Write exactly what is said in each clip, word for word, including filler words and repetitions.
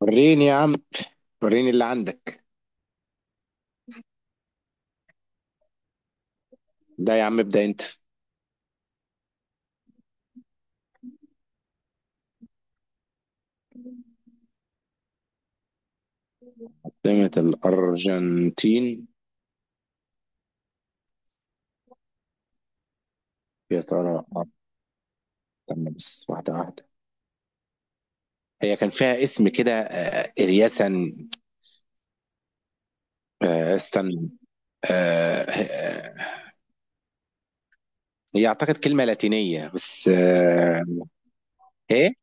وريني يا عم. وريني اللي عندك. ده يا عم ابدأ انت. عاصمة الأرجنتين، يا ترى؟ استنى بس، واحدة واحدة. هي كان فيها اسم كده آه، إرياسا. آه، استنى. آه، آه، هي أعتقد كلمة لاتينية بس آه، إيه؟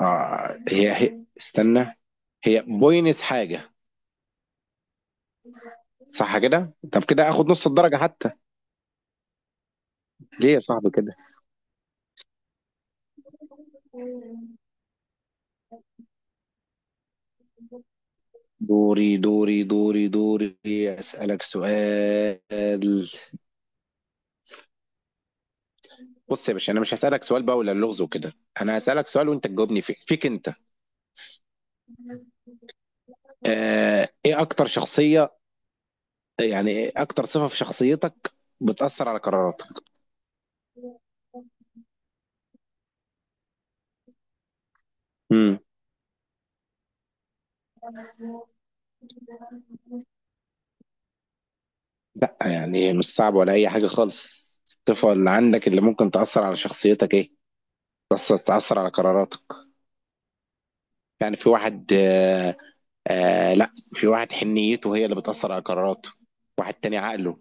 آه، هي هي استنى. هي بوينس حاجة. صح كده؟ طب كده آخد نص الدرجة حتى. ليه يا صاحبي كده؟ دوري دوري دوري دوري. أسألك سؤال. بص يا باشا، انا مش هسألك سؤال بقى ولا اللغز وكده. انا هسألك سؤال وانت تجاوبني فيه، فيك انت. آه ايه اكتر شخصية، يعني إيه اكتر صفة في شخصيتك بتأثر على قراراتك؟ امم لا يعني مش صعب ولا اي حاجة خالص. الصفة اللي عندك اللي ممكن تأثر على شخصيتك ايه، تأثر تأثر على قراراتك؟ يعني في واحد آه آه لا، في واحد حنيته هي اللي بتأثر على قراراته، واحد تاني عقله،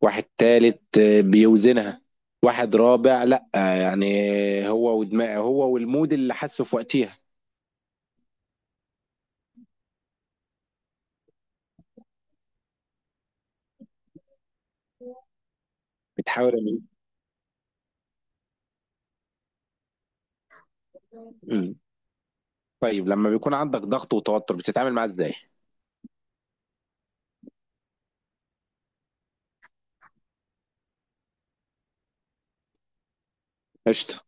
واحد تالت آه، بيوزنها، واحد رابع لا آه، يعني هو ودماغه هو والمود اللي حاسه في وقتها. بتحاول إن- مم. طيب لما بيكون عندك ضغط وتوتر بتتعامل معاه ازاي؟ قشطة.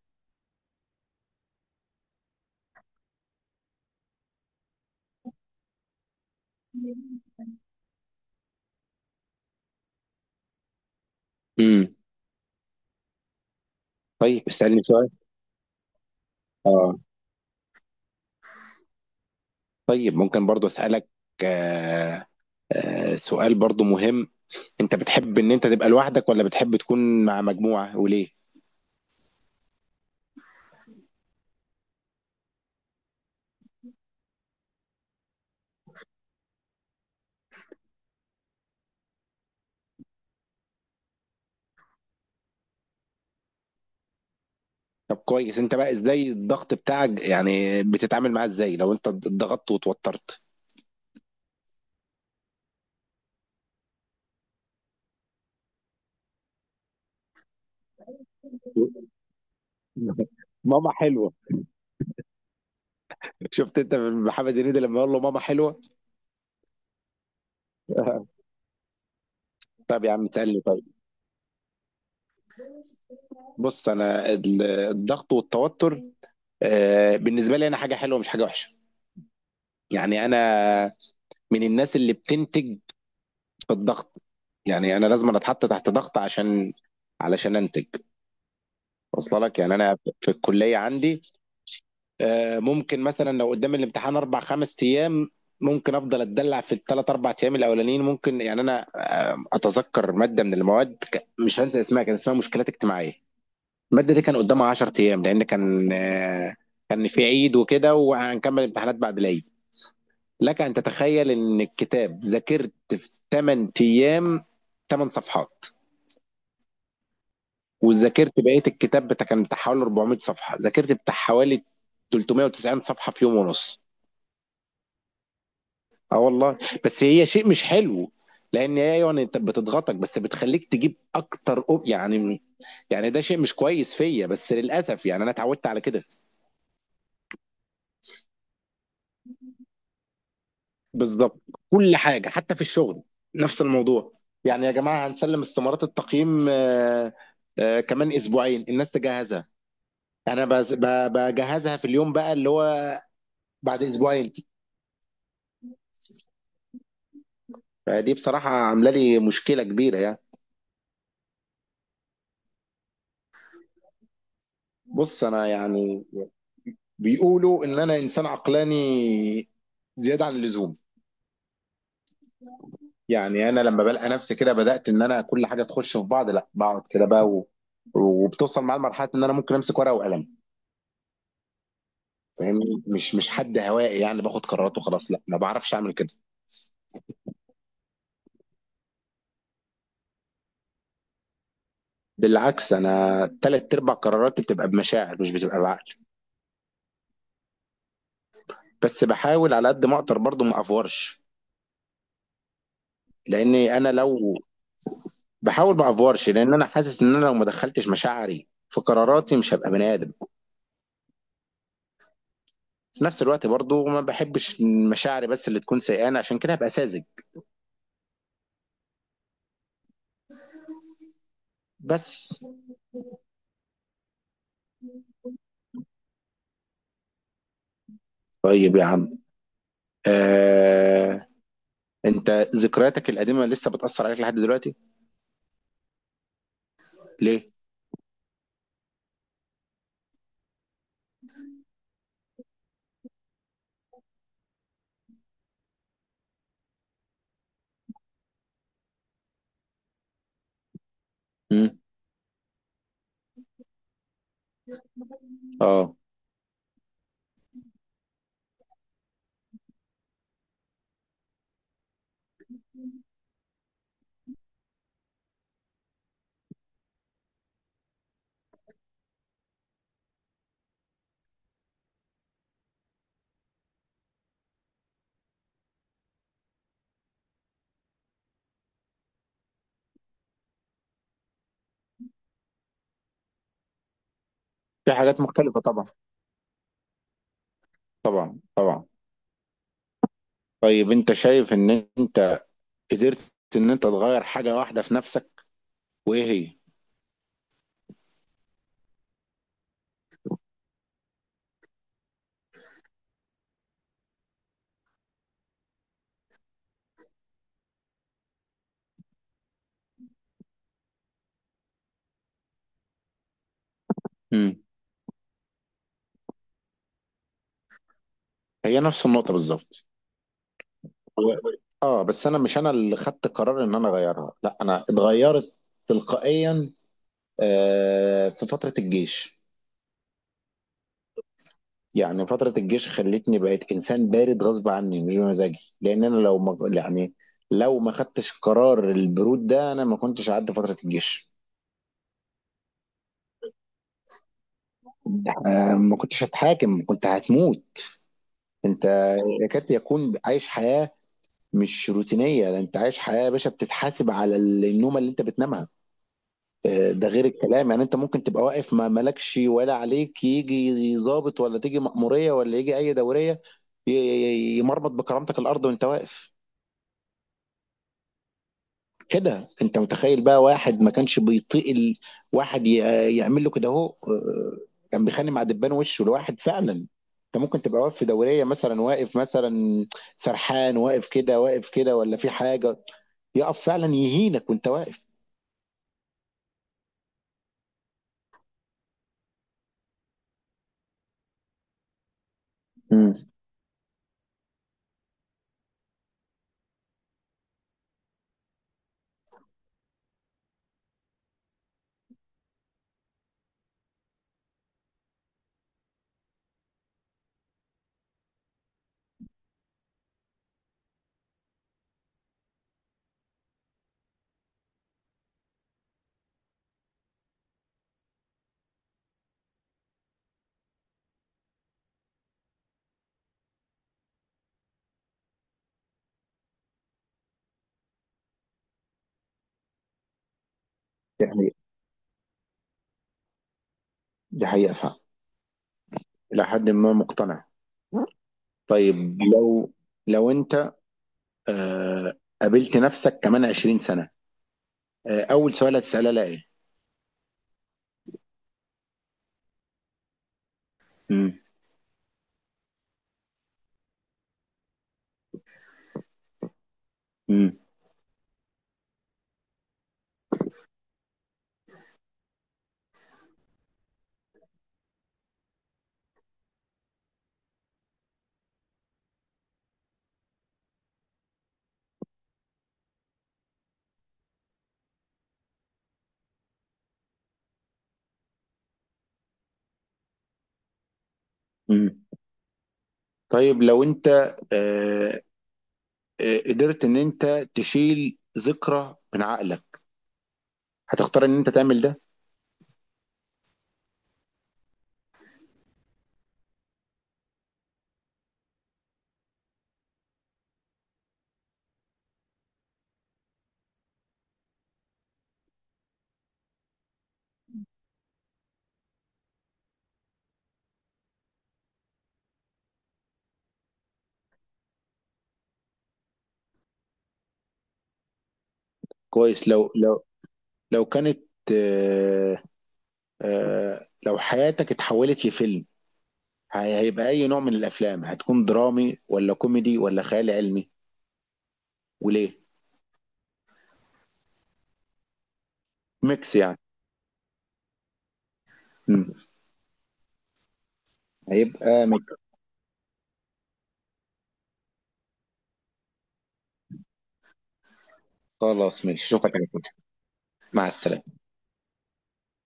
امم. طيب اسألني سؤال. اه. طيب ممكن برضو اسألك آه آه سؤال برضو مهم. انت بتحب ان انت تبقى لوحدك ولا بتحب تكون مع مجموعة، وليه؟ طب كويس. انت بقى ازاي الضغط بتاعك، يعني بتتعامل معاه ازاي لو انت اتضغطت وتوترت؟ ماما حلوه. شفت انت من محمد هنيدي لما يقول له ماما حلوه؟ طب يا عم تسالني طيب. بص انا ال- الضغط والتوتر آه، بالنسبه لي انا حاجه حلوه، مش حاجه وحشه. يعني انا من الناس اللي بتنتج في الضغط. يعني انا لازم أنا اتحط تحت ضغط عشان علشان انتج. وصل لك؟ يعني انا في الكليه عندي آه، ممكن مثلا لو قدام الامتحان اربع خمس ايام، ممكن افضل اتدلع في الثلاث اربع ايام الاولانيين. ممكن يعني انا آه، اتذكر ماده من المواد ك- مش هنسى اسمها، كان اسمها مشكلات اجتماعيه. الماده دي كان قدامها عشرة ايام، لان كان آه، كان في عيد وكده وهنكمل امتحانات بعد العيد. لك ان تتخيل ان الكتاب ذاكرت في تمن ايام تمن صفحات، وذاكرت بقيه الكتاب، بتاع كان بتاع حوالي أربعمائة صفحه، ذاكرت بتاع حوالي ثلاثمائة وتسعين صفحه في يوم ونص. اه والله. بس هي شيء مش حلو، لان هي يعني انت بتضغطك بس بتخليك تجيب اكتر أوب يعني. يعني ده شيء مش كويس فيا، بس للاسف يعني انا اتعودت على كده. بالظبط. كل حاجه حتى في الشغل نفس الموضوع. يعني يا جماعه هنسلم استمارات التقييم آه، آه، كمان اسبوعين الناس تجهزها. انا بز- ب- بجهزها في اليوم بقى اللي هو بعد اسبوعين. دي بصراحه عامله لي مشكله كبيره يعني. بص انا يعني بيقولوا ان انا انسان عقلاني زياده عن اللزوم. يعني انا لما بلقى نفسي كده بدات ان انا كل حاجه تخش في بعض، لا بقعد كده بقى، و... وبتوصل معايا لمرحله ان انا ممكن امسك ورقه وقلم. فاهمني؟ مش مش حد هوائي يعني باخد قرارات وخلاص، لا ما بعرفش اعمل كده. بالعكس، انا ثلاث ارباع قراراتي بتبقى بمشاعر، مش بتبقى بعقل. بس بحاول على قد ما اقدر برضه ما افورش. لاني انا لو بحاول ما افورش، لان انا حاسس ان انا لو ما دخلتش مشاعري في قراراتي مش هبقى بني ادم. في نفس الوقت برضو ما بحبش مشاعري بس اللي تكون سيئانة، عشان كده هبقى ساذج. بس. طيب يا عم، آه... انت ذكرياتك القديمة لسه بتأثر عليك لحد دلوقتي؟ ليه؟ مم. اه، في حاجات مختلفة طبعا. طبعا طبعا. طيب انت شايف ان انت قدرت ان انت تغير حاجة واحدة في نفسك، وايه هي؟ مم. هي نفس النقطة بالظبط. هو- اه بس انا مش انا اللي خدت قرار ان انا اغيرها، لا انا اتغيرت تلقائيا آه، في فترة الجيش. يعني فترة الجيش خلتني بقيت إنسان بارد غصب عني، مش بمزاجي، لأن أنا لو ما يعني لو ما خدتش قرار البرود ده أنا ما كنتش عدى فترة الجيش. آه، ما كنتش هتحاكم، كنت هتموت. أنت يكاد يكون عايش حياة مش روتينية، ده أنت عايش حياة يا باشا بتتحاسب على ال- النومة اللي أنت بتنامها. آه، ده غير الكلام. يعني أنت ممكن تبقى واقف ما مالكش ولا عليك، يجي ضابط ولا تيجي مأمورية ولا يجي أي دورية ي- ي- يمرمط بكرامتك الأرض وأنت واقف. كده انت متخيل بقى واحد ما كانش بيطيق ال- واحد ي- يعمل له كده اهو آه، كان بيخانق مع دبان وشه، لواحد فعلا انت ممكن تبقى واقف في دوريه مثلا، واقف مثلا سرحان واقف كده واقف كده ولا في حاجه، يقف فعلا يهينك وانت واقف. امم. دي حقيقة. دي حقيقة فعلا. إلى حد ما مقتنع. طيب لو لو أنت آه قابلت نفسك كمان عشرين سنة، آه أول سؤال هتسألها لها إيه؟ امم. امم. طيب لو انت آه، آه، قدرت ان انت تشيل ذكرى من عقلك، هتختار ان انت تعمل ده؟ كويس. لو لو لو كانت آه، آه، لو حياتك اتحولت لفيلم، هي- هيبقى اي نوع من الافلام، هتكون درامي ولا كوميدي ولا خيال علمي، وليه؟ ميكس يعني. مم. هيبقى ميكس. خلاص ماشي، اشوفك على كده. مع السلامة.